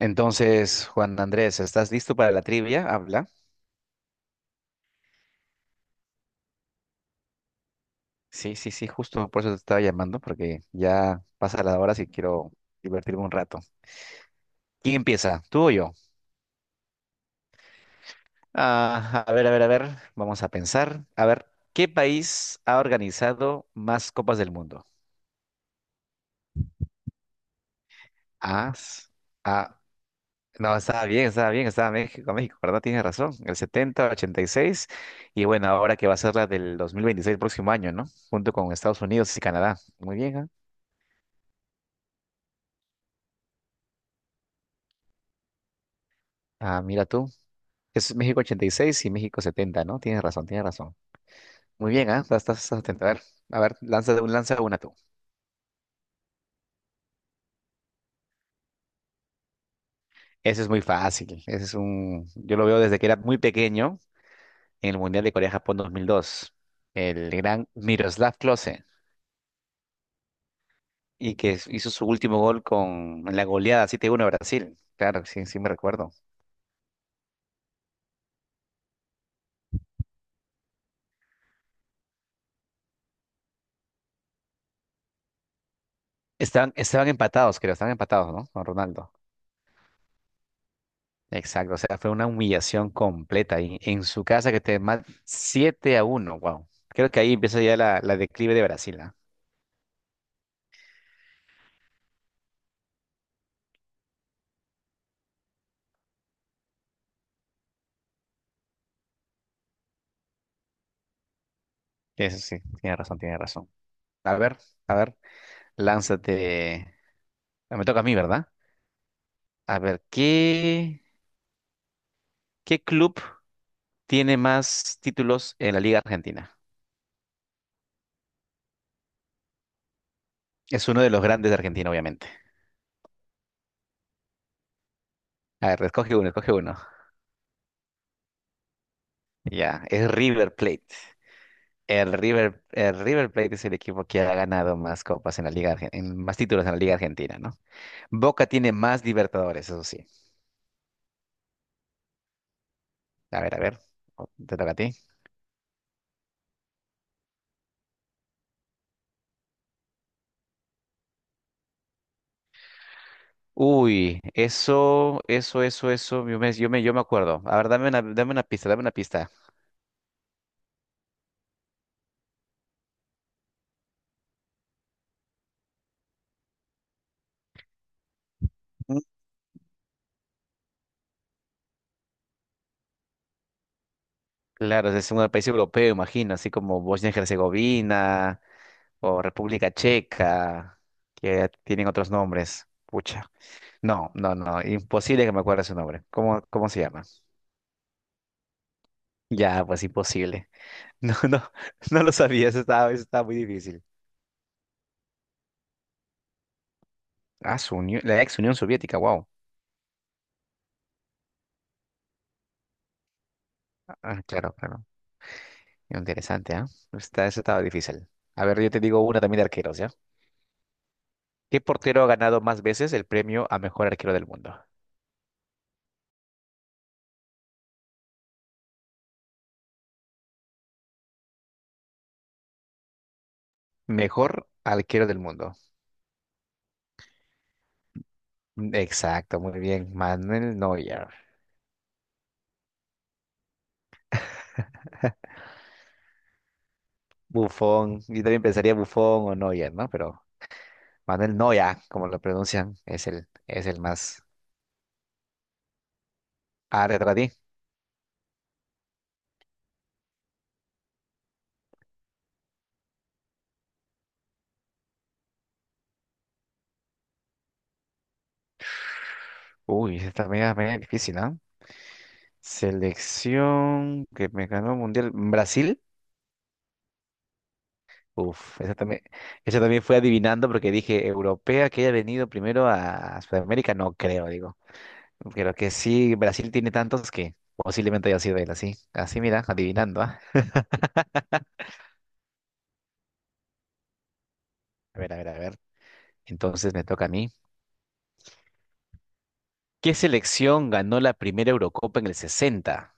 Entonces, Juan Andrés, ¿estás listo para la trivia? Habla. Sí, sí, sí, justo por eso te estaba llamando, porque ya pasa la hora si quiero divertirme un rato. ¿Quién empieza? ¿Tú o yo? Ah, a ver, a ver, a ver, vamos a pensar. A ver, ¿qué país ha organizado más copas del mundo? Ah, ah, no, estaba bien, México, ¿verdad? Tienes razón, el 70, 86 y bueno, ahora que va a ser la del 2026, próximo año, ¿no? Junto con Estados Unidos y Canadá. Muy bien, ¿ah? Ah, mira tú. Es México 86 y México 70, ¿no? Tienes razón, tienes razón. Muy bien, ¿ah? Estás atento. A ver, lanza una tú. Ese es muy fácil. Yo lo veo desde que era muy pequeño en el Mundial de Corea-Japón 2002. El gran Miroslav Klose. Y que hizo su último gol con la goleada 7-1 a Brasil. Claro, sí, sí me recuerdo. Estaban empatados, creo. Estaban empatados, ¿no? Con Ronaldo. Exacto, o sea, fue una humillación completa y en su casa que te más 7-1, wow. Creo que ahí empieza ya la declive de Brasil, ¿ah? Eso sí, tiene razón, tiene razón. A ver, a ver, lánzate. Ah, me toca a mí, ¿verdad? A ver, ¿qué club tiene más títulos en la Liga Argentina? Es uno de los grandes de Argentina, obviamente. A ver, escoge uno, escoge uno. Ya, es River Plate. El River Plate es el equipo que ha ganado más copas en la Liga, en más títulos en la Liga Argentina, ¿no? Boca tiene más Libertadores, eso sí. A ver, a ver. Te toca a ti. Uy, eso, eso, eso, eso. Yo me acuerdo. A ver, dame una pista, dame una pista. Mm. Claro, es un país europeo, imagino, así como Bosnia y Herzegovina o República Checa, que tienen otros nombres. Pucha. No, no, no, imposible que me acuerde su nombre. ¿Cómo se llama? Ya, pues imposible. No, no, no lo sabía, eso estaba muy difícil. Ah, la ex Unión Soviética, wow. Ah, claro, claro. Interesante, ¿ah? Eso estaba difícil. A ver, yo te digo una también de arqueros, ¿ya? ¿Qué portero ha ganado más veces el premio a mejor arquero del mundo? Mejor arquero del mundo. Mm. Exacto, muy bien. Manuel Neuer. Buffon. Yo también pensaría Buffon o Neuer, ¿no? Pero Manuel Neuer, como lo pronuncian, es el más. Ah, detrás de ti. Uy, esta media, media difícil, ¿no? Selección que me ganó el mundial. ¿Brasil? Uf, esa también fue adivinando porque dije, europea que haya venido primero a Sudamérica, no creo, digo. Creo que sí, Brasil tiene tantos que posiblemente haya sido él, así. Así, mira, adivinando, ¿ah? A ver, a ver, a ver. Entonces me toca a mí. ¿Qué selección ganó la primera Eurocopa en el sesenta?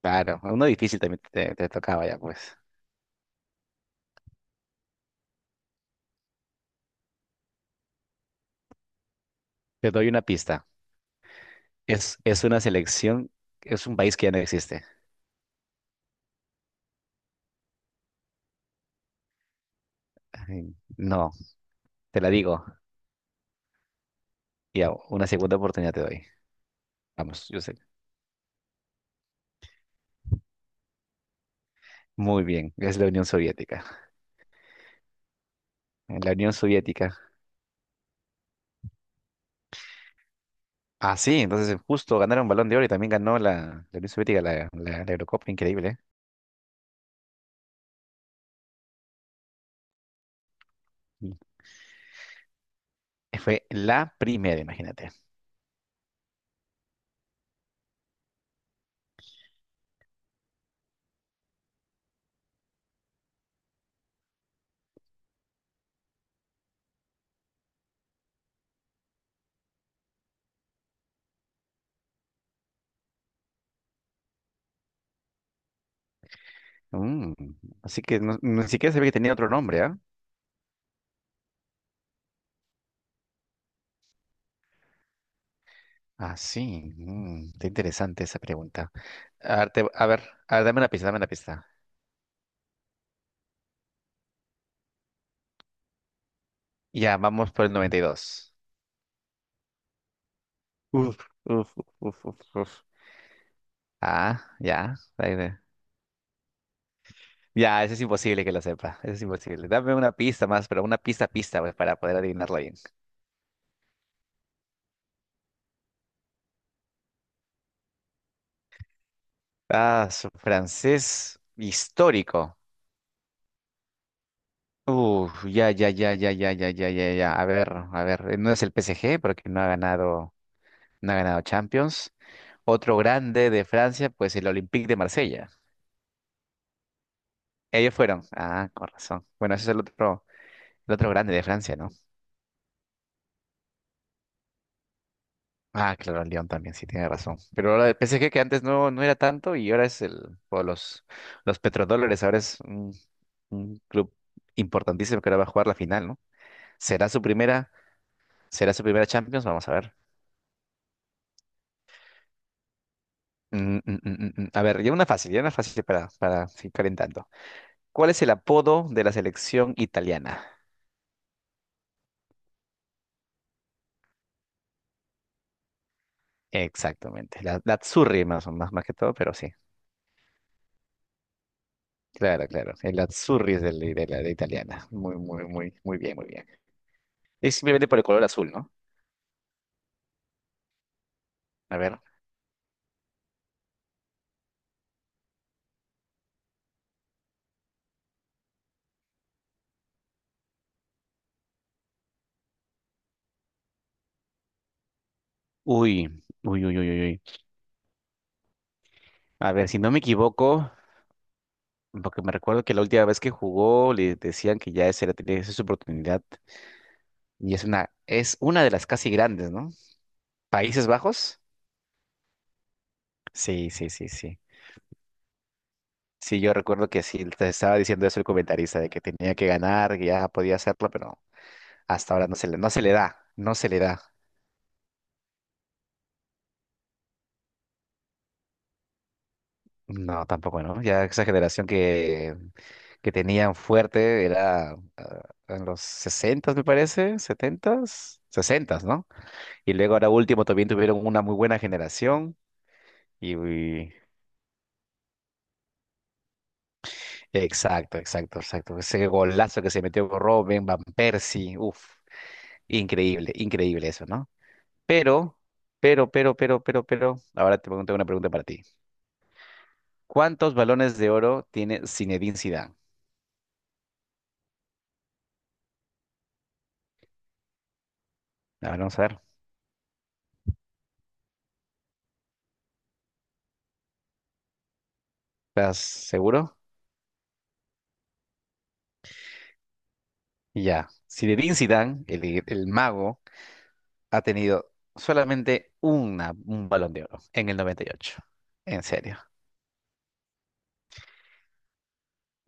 Claro, uno difícil también te tocaba ya, pues. Te doy una pista. Es una selección, es un país que ya no existe. Ay, no, te la digo. Ya, una segunda oportunidad te doy. Vamos, yo sé. Muy bien, es la Unión Soviética. En la Unión Soviética. Ah, sí, entonces justo ganaron Balón de Oro y también ganó la Unión Soviética la Eurocopa, increíble. ¿Eh? Y fue la primera, imagínate. Mm. Así que ni siquiera sabía que tenía otro nombre, ¿ah? Ah, sí, está interesante esa pregunta. A ver, a ver, a ver, dame una pista, dame una pista. Ya, vamos por el 92. Uf, uf, uf, uf, uf. Uf. Ah, ya. Ahí ve. Ya, eso es imposible que lo sepa. Eso es imposible. Dame una pista más, pero una pista, pista, pues, para poder adivinarlo bien. Ah, su francés histórico. Uf, ya, ya, ya, ya, ya, ya, ya, ya, ya. A ver, a ver. No es el PSG porque no ha ganado Champions. Otro grande de Francia, pues el Olympique de Marsella. Ellos fueron. Ah, con razón. Bueno, ese es el otro grande de Francia, ¿no? Ah, claro, el León también, sí, tiene razón. Pero ahora el PSG que antes no era tanto y ahora es el, o los petrodólares, ahora es un club importantísimo que ahora va a jugar la final, ¿no? ¿Será su primera, será su primera Champions? Vamos a ver. Mm, mm, mm, mm, mm. A ver, ya una fácil para seguir calentando. ¿Cuál es el apodo de la selección italiana? Exactamente, la Azzurri más, más que todo, pero sí, claro, claro. El Azzurri es de la de italiana. Muy, muy, muy, muy bien, muy bien. Es simplemente por el color azul, ¿no? A ver. Uy, uy, uy, uy, uy. Uy. A ver, si no me equivoco, porque me recuerdo que la última vez que jugó le decían que ya esa era, tenía su oportunidad. Y es una de las casi grandes, ¿no? ¿Países Bajos? Sí, sí, sí, sí. Sí, yo recuerdo que sí, te estaba diciendo eso el comentarista, de que tenía que ganar, que ya podía hacerlo, pero hasta ahora no se le da, no se le da. No, tampoco, ¿no? Ya esa generación que tenían fuerte era en los sesentas me parece, setentas sesentas, ¿no? Y luego ahora último también tuvieron una muy buena generación. Y, y- exacto, exacto, exacto. Ese golazo que se metió con Robin, Van Persie, uff, increíble, increíble eso, ¿no? Pero, pero, ahora te pregunto una pregunta para ti. ¿Cuántos balones de oro tiene Zinedine Zidane? A ver, vamos a ver. ¿Estás seguro? Ya, si Zinedine Zidane, el mago, ha tenido solamente un balón de oro en el 98. En serio.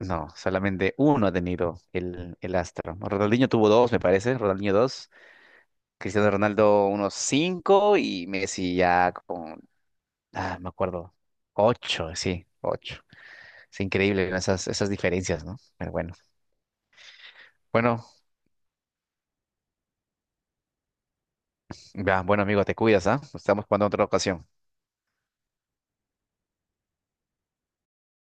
No, solamente uno ha tenido el astro. Ronaldinho tuvo dos, me parece. Ronaldinho dos. Cristiano Ronaldo unos cinco y Messi ya con, me acuerdo, ocho, sí, ocho. Es increíble, ¿no? Esas diferencias, ¿no? Pero bueno. Bueno, ya, bueno amigo, te cuidas, ¿ah? Estamos jugando en otra ocasión.